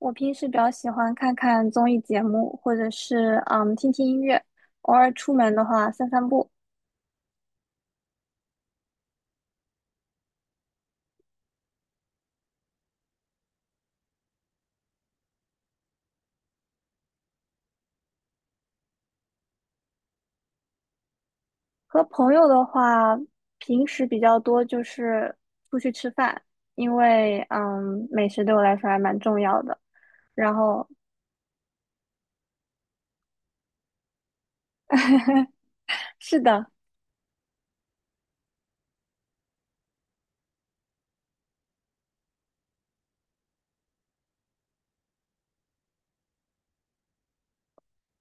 我平时比较喜欢看看综艺节目，或者是听听音乐，偶尔出门的话散散步。和朋友的话，平时比较多就是出去吃饭，因为美食对我来说还蛮重要的。然后是的。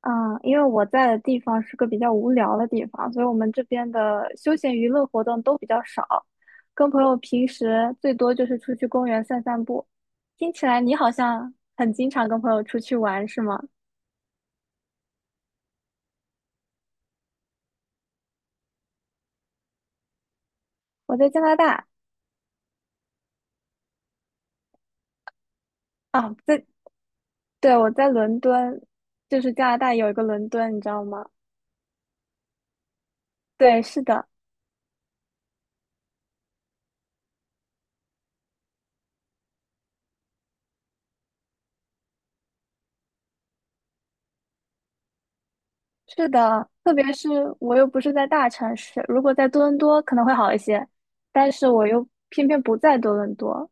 嗯，因为我在的地方是个比较无聊的地方，所以我们这边的休闲娱乐活动都比较少，跟朋友平时最多就是出去公园散散步。听起来你好像很经常跟朋友出去玩，是吗？我在加拿大。啊，在，对，我在伦敦，就是加拿大有一个伦敦，你知道吗？对，是的。是的，特别是我又不是在大城市，如果在多伦多可能会好一些，但是我又偏偏不在多伦多。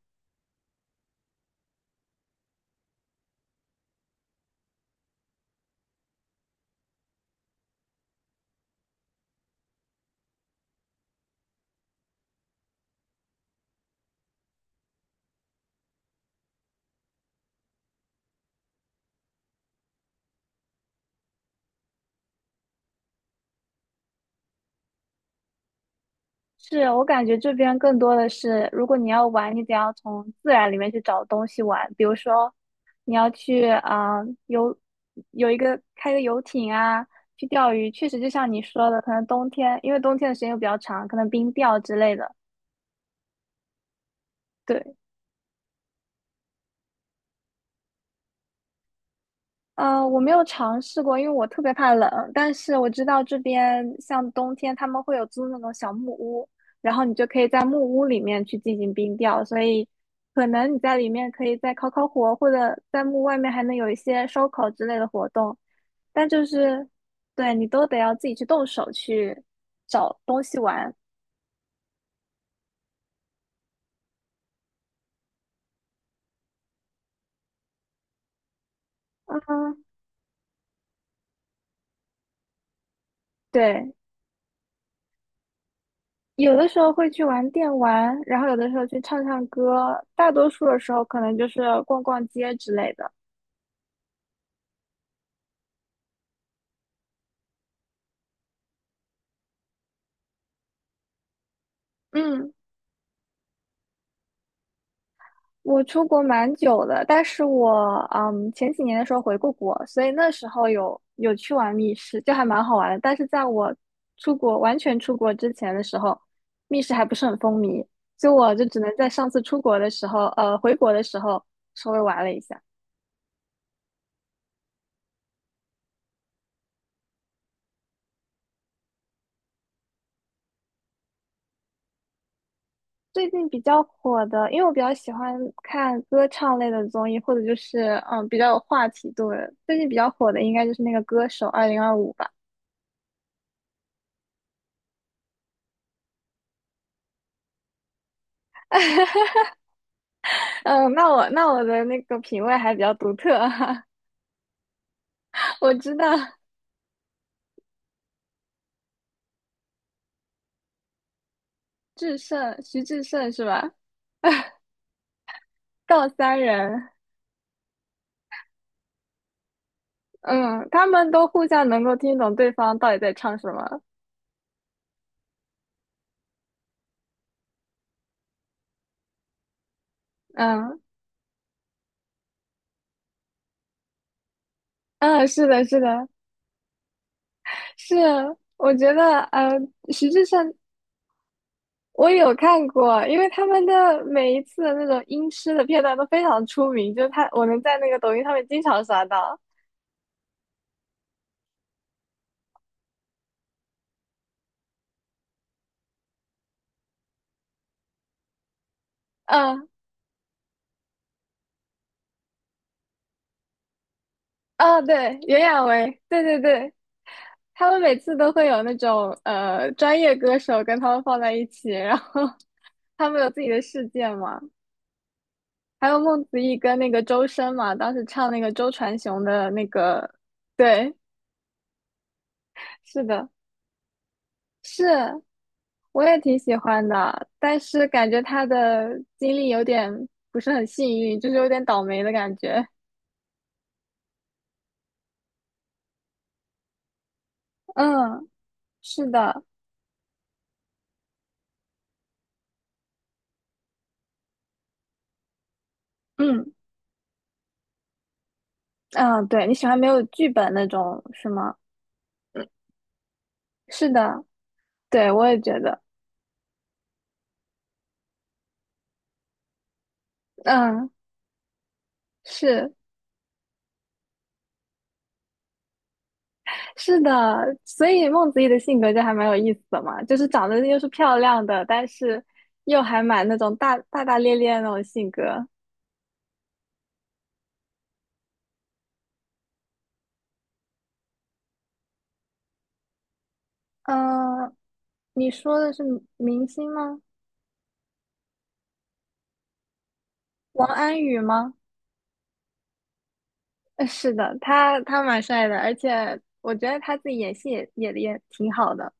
是，我感觉这边更多的是，如果你要玩，你得要从自然里面去找东西玩，比如说你要去啊、游，有一个开个游艇啊，去钓鱼，确实就像你说的，可能冬天，因为冬天的时间又比较长，可能冰钓之类的。对。我没有尝试过，因为我特别怕冷。但是我知道这边像冬天他们会有租那种小木屋，然后你就可以在木屋里面去进行冰钓，所以可能你在里面可以再烤烤火，或者在木屋外面还能有一些烧烤之类的活动。但就是对你都得要自己去动手去找东西玩。嗯，对，有的时候会去玩电玩，然后有的时候去唱唱歌，大多数的时候可能就是逛逛街之类的。嗯，我出国蛮久的，但是我前几年的时候回过国，所以那时候有去玩密室，就还蛮好玩的。但是在我出国完全出国之前的时候，密室还不是很风靡，所以我就只能在上次出国的时候，回国的时候稍微玩了一下。最近比较火的，因为我比较喜欢看歌唱类的综艺，或者就是比较有话题度的。最近比较火的应该就是那个歌手二零二五》吧。嗯，那我的那个品味还比较独特啊。我知道志胜，徐志胜是吧？告三人。嗯，他们都互相能够听懂对方到底在唱什么。嗯。嗯，是的，是的。是，我觉得徐志胜我有看过，因为他们的每一次的那种音痴的片段都非常出名，就是他我能在那个抖音上面经常刷到。嗯。啊，对，袁娅维，对对对，他们每次都会有那种专业歌手跟他们放在一起，然后他们有自己的世界嘛。还有孟子义跟那个周深嘛，当时唱那个周传雄的那个。对，是的。是，我也挺喜欢的，但是感觉他的经历有点不是很幸运，就是有点倒霉的感觉。嗯，是的。嗯。嗯，对，你喜欢没有剧本那种是吗？嗯，是的。对，我也觉得。嗯，是。是的，所以孟子义的性格就还蛮有意思的嘛，就是长得又是漂亮的，但是又还蛮那种大大咧咧的那种性格。嗯，你说的是明星吗？王安宇吗？是的，他他蛮帅的，而且我觉得他自己演戏也也挺好的。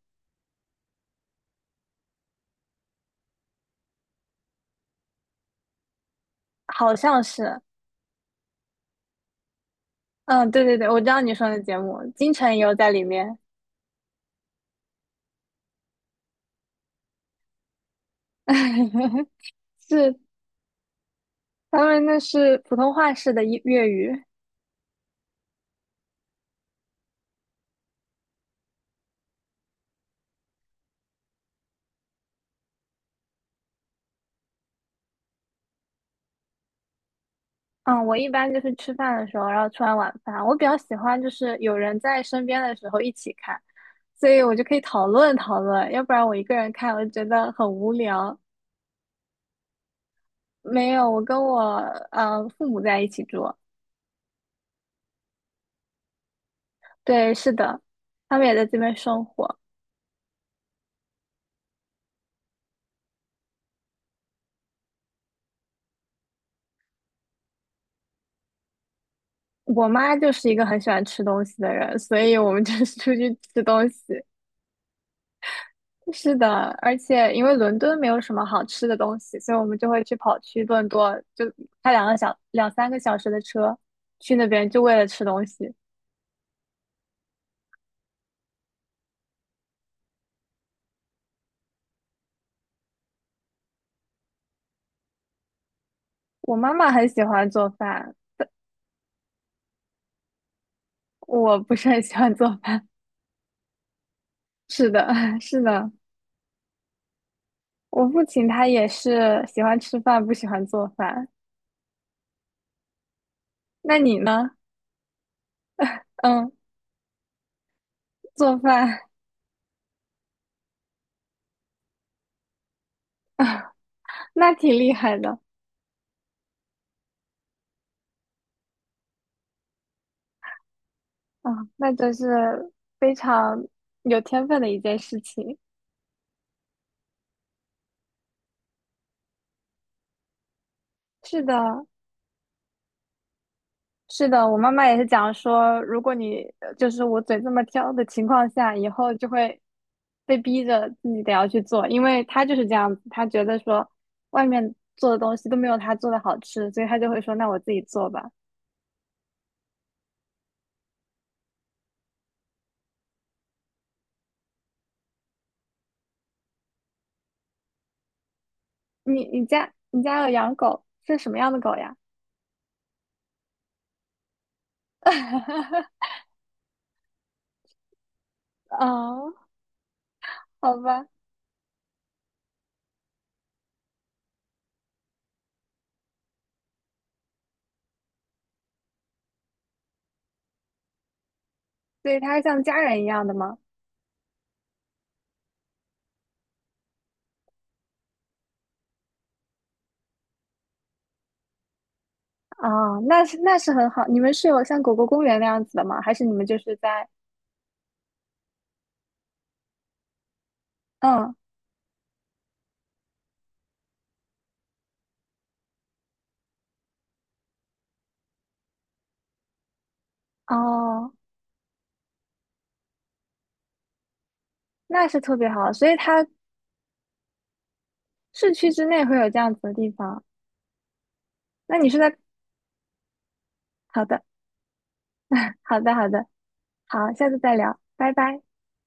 好像是。嗯，对对对，我知道你说的节目，金晨也有在里面。是，他们那是普通话式的粤语。嗯，我一般就是吃饭的时候，然后吃完晚饭，我比较喜欢就是有人在身边的时候一起看，所以我就可以讨论讨论，要不然我一个人看，我就觉得很无聊。没有，我跟我父母在一起住。对，是的，他们也在这边生活。我妈就是一个很喜欢吃东西的人，所以我们就是出去吃东西。是的，而且因为伦敦没有什么好吃的东西，所以我们就会去跑去顿多，就开两三个小时的车去那边，就为了吃东西。我妈妈很喜欢做饭，我不是很喜欢做饭。是的。是的，我父亲他也是喜欢吃饭，不喜欢做饭。那你呢？嗯，做饭。 那挺厉害的。啊，那真是非常有天分的一件事情。是的，是的，我妈妈也是讲说，如果你就是我嘴这么挑的情况下，以后就会被逼着自己得要去做，因为她就是这样子，她觉得说外面做的东西都没有她做的好吃，所以她就会说那我自己做吧。你你家有养狗，是什么样的狗呀？啊，好吧，所以它是像家人一样的吗？啊、那是那是很好。你们是有像狗狗公园那样子的吗？还是你们就是在。嗯。哦，那是特别好。所以它市区之内会有这样子的地方。那你是在，好的，好的，好的。好，下次再聊，拜拜。